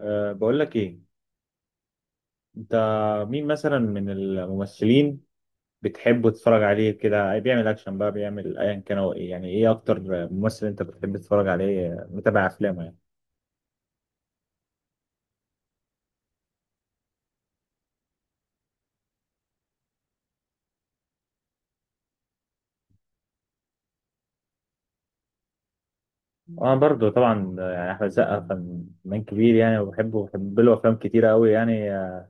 بقول لك ايه. انت، مين مثلا من الممثلين بتحب تتفرج عليه كده، بيعمل اكشن بقى، بيعمل ايا كان هو ايه؟ يعني ايه اكتر ممثل انت بتحب تتفرج عليه متابع افلامه يعني. انا برضو طبعا يعني احمد السقا فنان كبير يعني، وبحبه وبحب له افلام كتيره قوي يعني.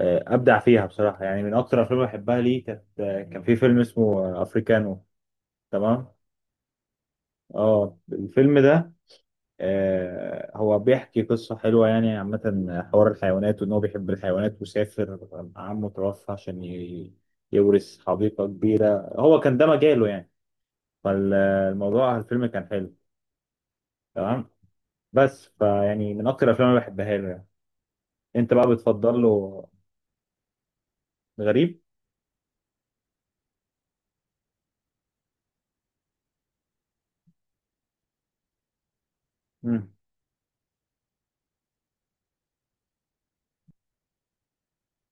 ابدع فيها بصراحه يعني. من اكتر الافلام اللي بحبها ليه كان في فيلم اسمه افريكانو. تمام. اه، الفيلم ده. هو بيحكي قصة حلوة يعني عامة. حوار الحيوانات، وإن هو بيحب الحيوانات وسافر. عمه توفى عشان يورث حديقة كبيرة، هو كان ده مجاله يعني. فالموضوع، الفيلم كان حلو. تمام. بس فيعني من أكتر الأفلام اللي بحبها له يعني. أنت بقى بتفضل له؟ غريب؟ مم.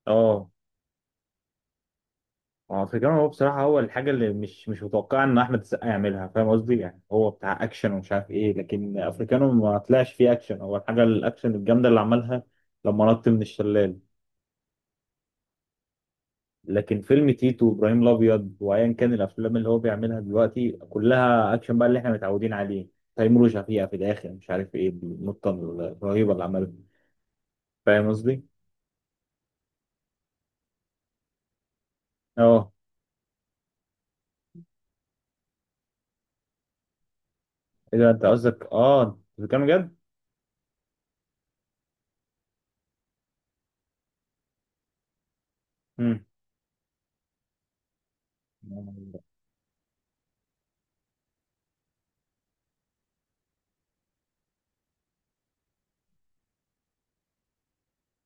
اه هو بصراحة، هو الحاجة اللي مش متوقعة إن أحمد السقا يعملها. فاهم قصدي؟ يعني هو بتاع أكشن ومش عارف إيه، لكن أفريكانو ما طلعش فيه أكشن. هو الحاجة الأكشن الجامدة اللي عملها لما نط من الشلال. لكن فيلم تيتو وإبراهيم الأبيض وأيا كان، الأفلام اللي هو بيعملها دلوقتي كلها أكشن بقى، اللي إحنا متعودين عليه. تيمور وشفيقة في الآخر، مش عارف إيه النطة الرهيبة اللي عملها. فاهم قصدي؟ أه. إيه ده؟ أنت قصدك أفريكانو جد؟ مم.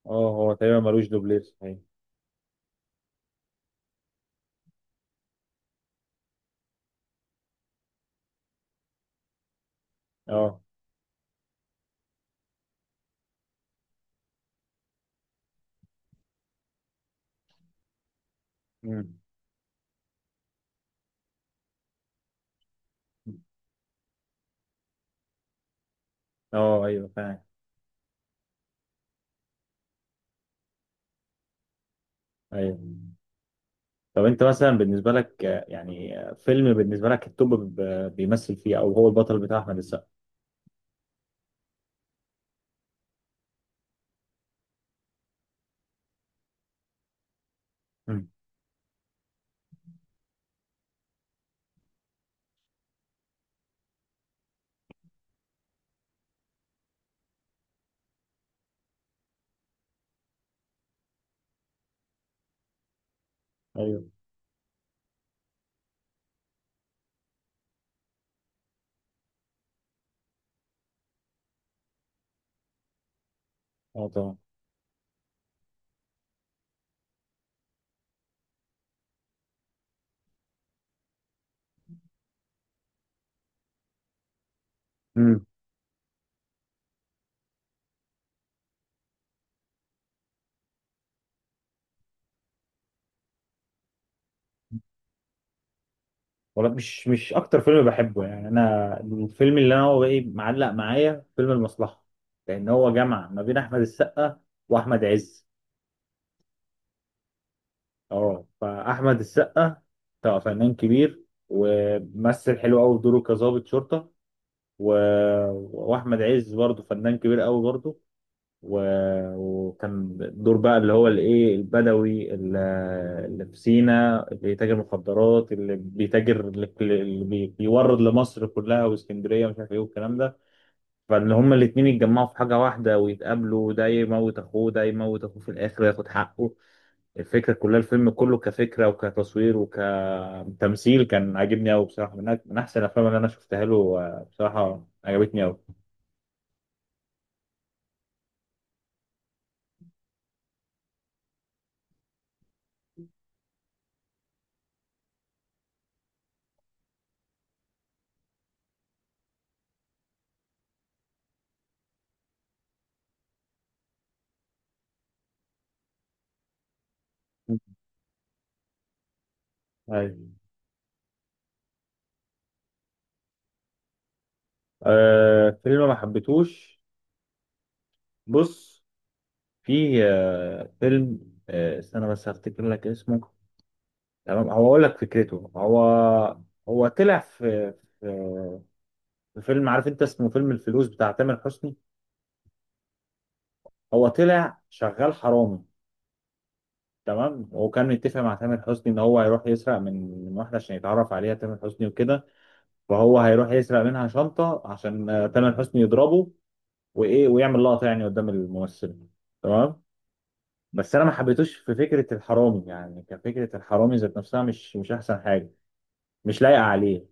أه، هو تقريبا ملوش دوبلير صحيح. أه. مم. اه، ايوه، فاهم. ايوه. طب انت مثلا بالنسبه لك، يعني فيلم بالنسبه لك التوب، بيمثل فيه او هو البطل، بتاع احمد السقا. مم. ايوه. اه، طبعا. امم. والله، مش اكتر فيلم بحبه يعني. انا الفيلم اللي انا هو ايه معلق معايا فيلم المصلحه، لان هو جمع ما بين احمد السقا واحمد عز. اه، فاحمد السقا طبعا فنان كبير، وممثل حلو قوي في دوره كظابط شرطه. و... واحمد عز برضه فنان كبير قوي برضه. وكان الدور بقى اللي هو الايه، البدوي اللي في سينا، اللي بيتاجر مخدرات، اللي بيتاجر، اللي بيورد لمصر كلها واسكندريه ومش عارف ايه والكلام ده. فان هما الاتنين يتجمعوا في حاجه واحده ويتقابلوا، ده يموت اخوه ده يموت اخوه، في الاخر ياخد حقه. الفكره كلها، الفيلم كله كفكره وكتصوير وكتمثيل، كان عاجبني قوي بصراحه. من من احسن الافلام اللي انا شفتها له. بصراحه عجبتني قوي. ايوه. آه، فيلم ما حبيتهوش. بص، في فيلم، استنى بس هفتكر لك اسمه. تمام، هو اقول لك فكرته. هو هو طلع في في فيلم، عارف انت اسمه، فيلم الفلوس بتاع تامر حسني. هو طلع شغال حرامي، تمام. وكان متفق مع تامر حسني ان هو هيروح يسرق من واحده عشان يتعرف عليها تامر حسني وكده. فهو هيروح يسرق منها شنطه عشان تامر حسني يضربه وايه، ويعمل لقطه يعني قدام الممثل. تمام. بس انا ما حبيتوش في فكره الحرامي يعني، كفكره الحرامي ذات نفسها مش احسن حاجه. مش لايقه عليه.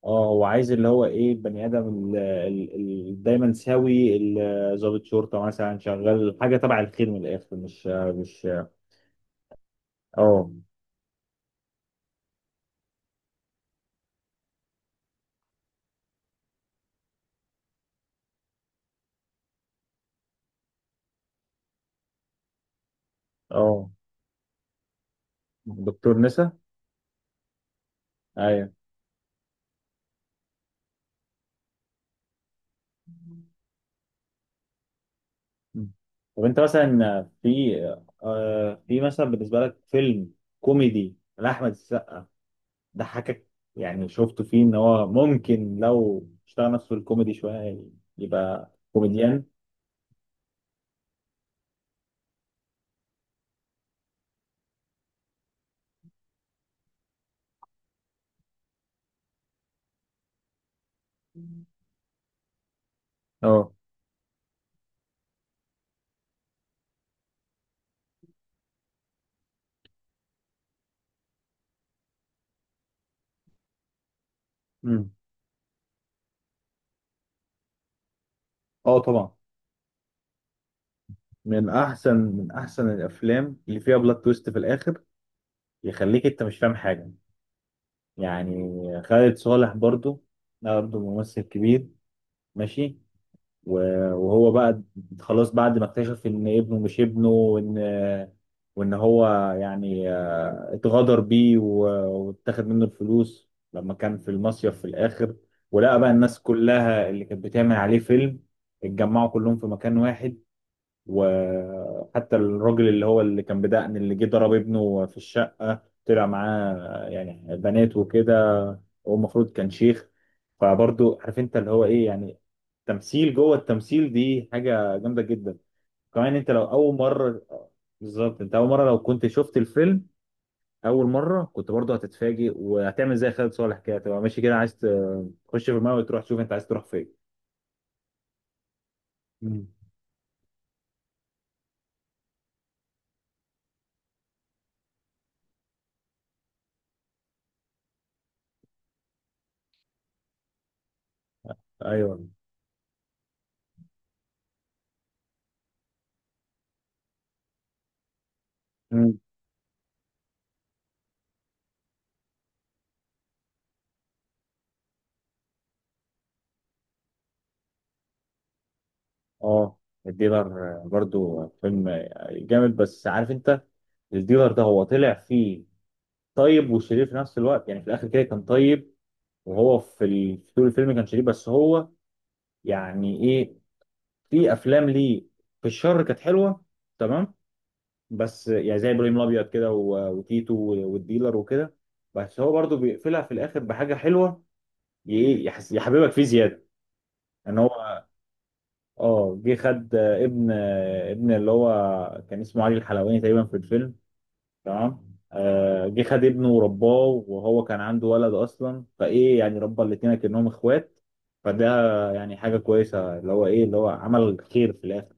اه، هو عايز اللي هو ايه، بني ادم ال- دايما سوي ضابط شرطه مثلا، شغال حاجه تبع الخير من الاخر، مش. اه، اه، دكتور نسا. ايوه. مم. طب انت مثلا في مثلا بالنسبه لك فيلم كوميدي لاحمد ضحكك، يعني شفته فيه ان هو ممكن لو اشتغل نفسه في الكوميدي شويه يبقى كوميديان. اه. امم. اه، طبعا. من احسن الافلام اللي فيها بلوت تويست في الاخر، يخليك انت مش فاهم حاجه يعني. خالد صالح برضو، ده برضو ممثل كبير. ماشي. وهو بقى خلاص بعد ما اكتشف ان ابنه مش ابنه، وان هو يعني اتغدر بيه، واتاخد منه الفلوس لما كان في المصيف. في الاخر، ولقى بقى الناس كلها اللي كانت بتعمل عليه فيلم اتجمعوا كلهم في مكان واحد. وحتى الراجل اللي هو اللي كان بدقن، اللي جه ضرب ابنه في الشقة، طلع معاه يعني بنات وكده. هو المفروض كان شيخ. فبرضه عارف انت اللي هو ايه يعني، تمثيل جوه التمثيل، دي حاجه جامده جدا. كمان انت لو اول مره، بالظبط انت اول مره لو كنت شفت الفيلم، اول مره كنت برضه هتتفاجئ، وهتعمل زي خالد صالح كده تبقى ماشي كده، عايز تخش في الماء وتروح تشوف انت عايز تروح فين. مم. ايوه. مم. اه، الديلر برضو فيلم جامد. بس عارف انت الديلر ده هو طلع فيه طيب وشرير في نفس الوقت، يعني في الاخر كده كان طيب. وهو في في طول الفيلم كانش ليه، بس هو يعني ايه، في افلام ليه في الشر كانت حلوه. تمام. بس يعني زي ابراهيم الابيض كده وتيتو والديلر وكده، بس هو برضو بيقفلها في الاخر بحاجه حلوه. ايه، يحس يحببك فيه زياده. ان هو اه جه خد ابن اللي هو كان اسمه علي الحلواني تقريبا في الفيلم، تمام. جه خد ابنه ورباه، وهو كان عنده ولد اصلا، فايه يعني ربى الاتنين كأنهم اخوات. فده يعني حاجه كويسه اللي هو ايه، اللي هو عمل خير في الاخر.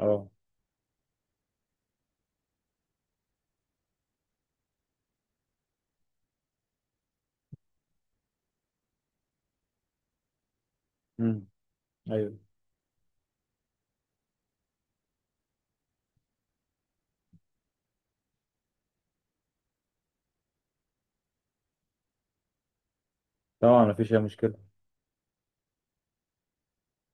اه. مم. ايوه طبعا، مفيش اي مشكله.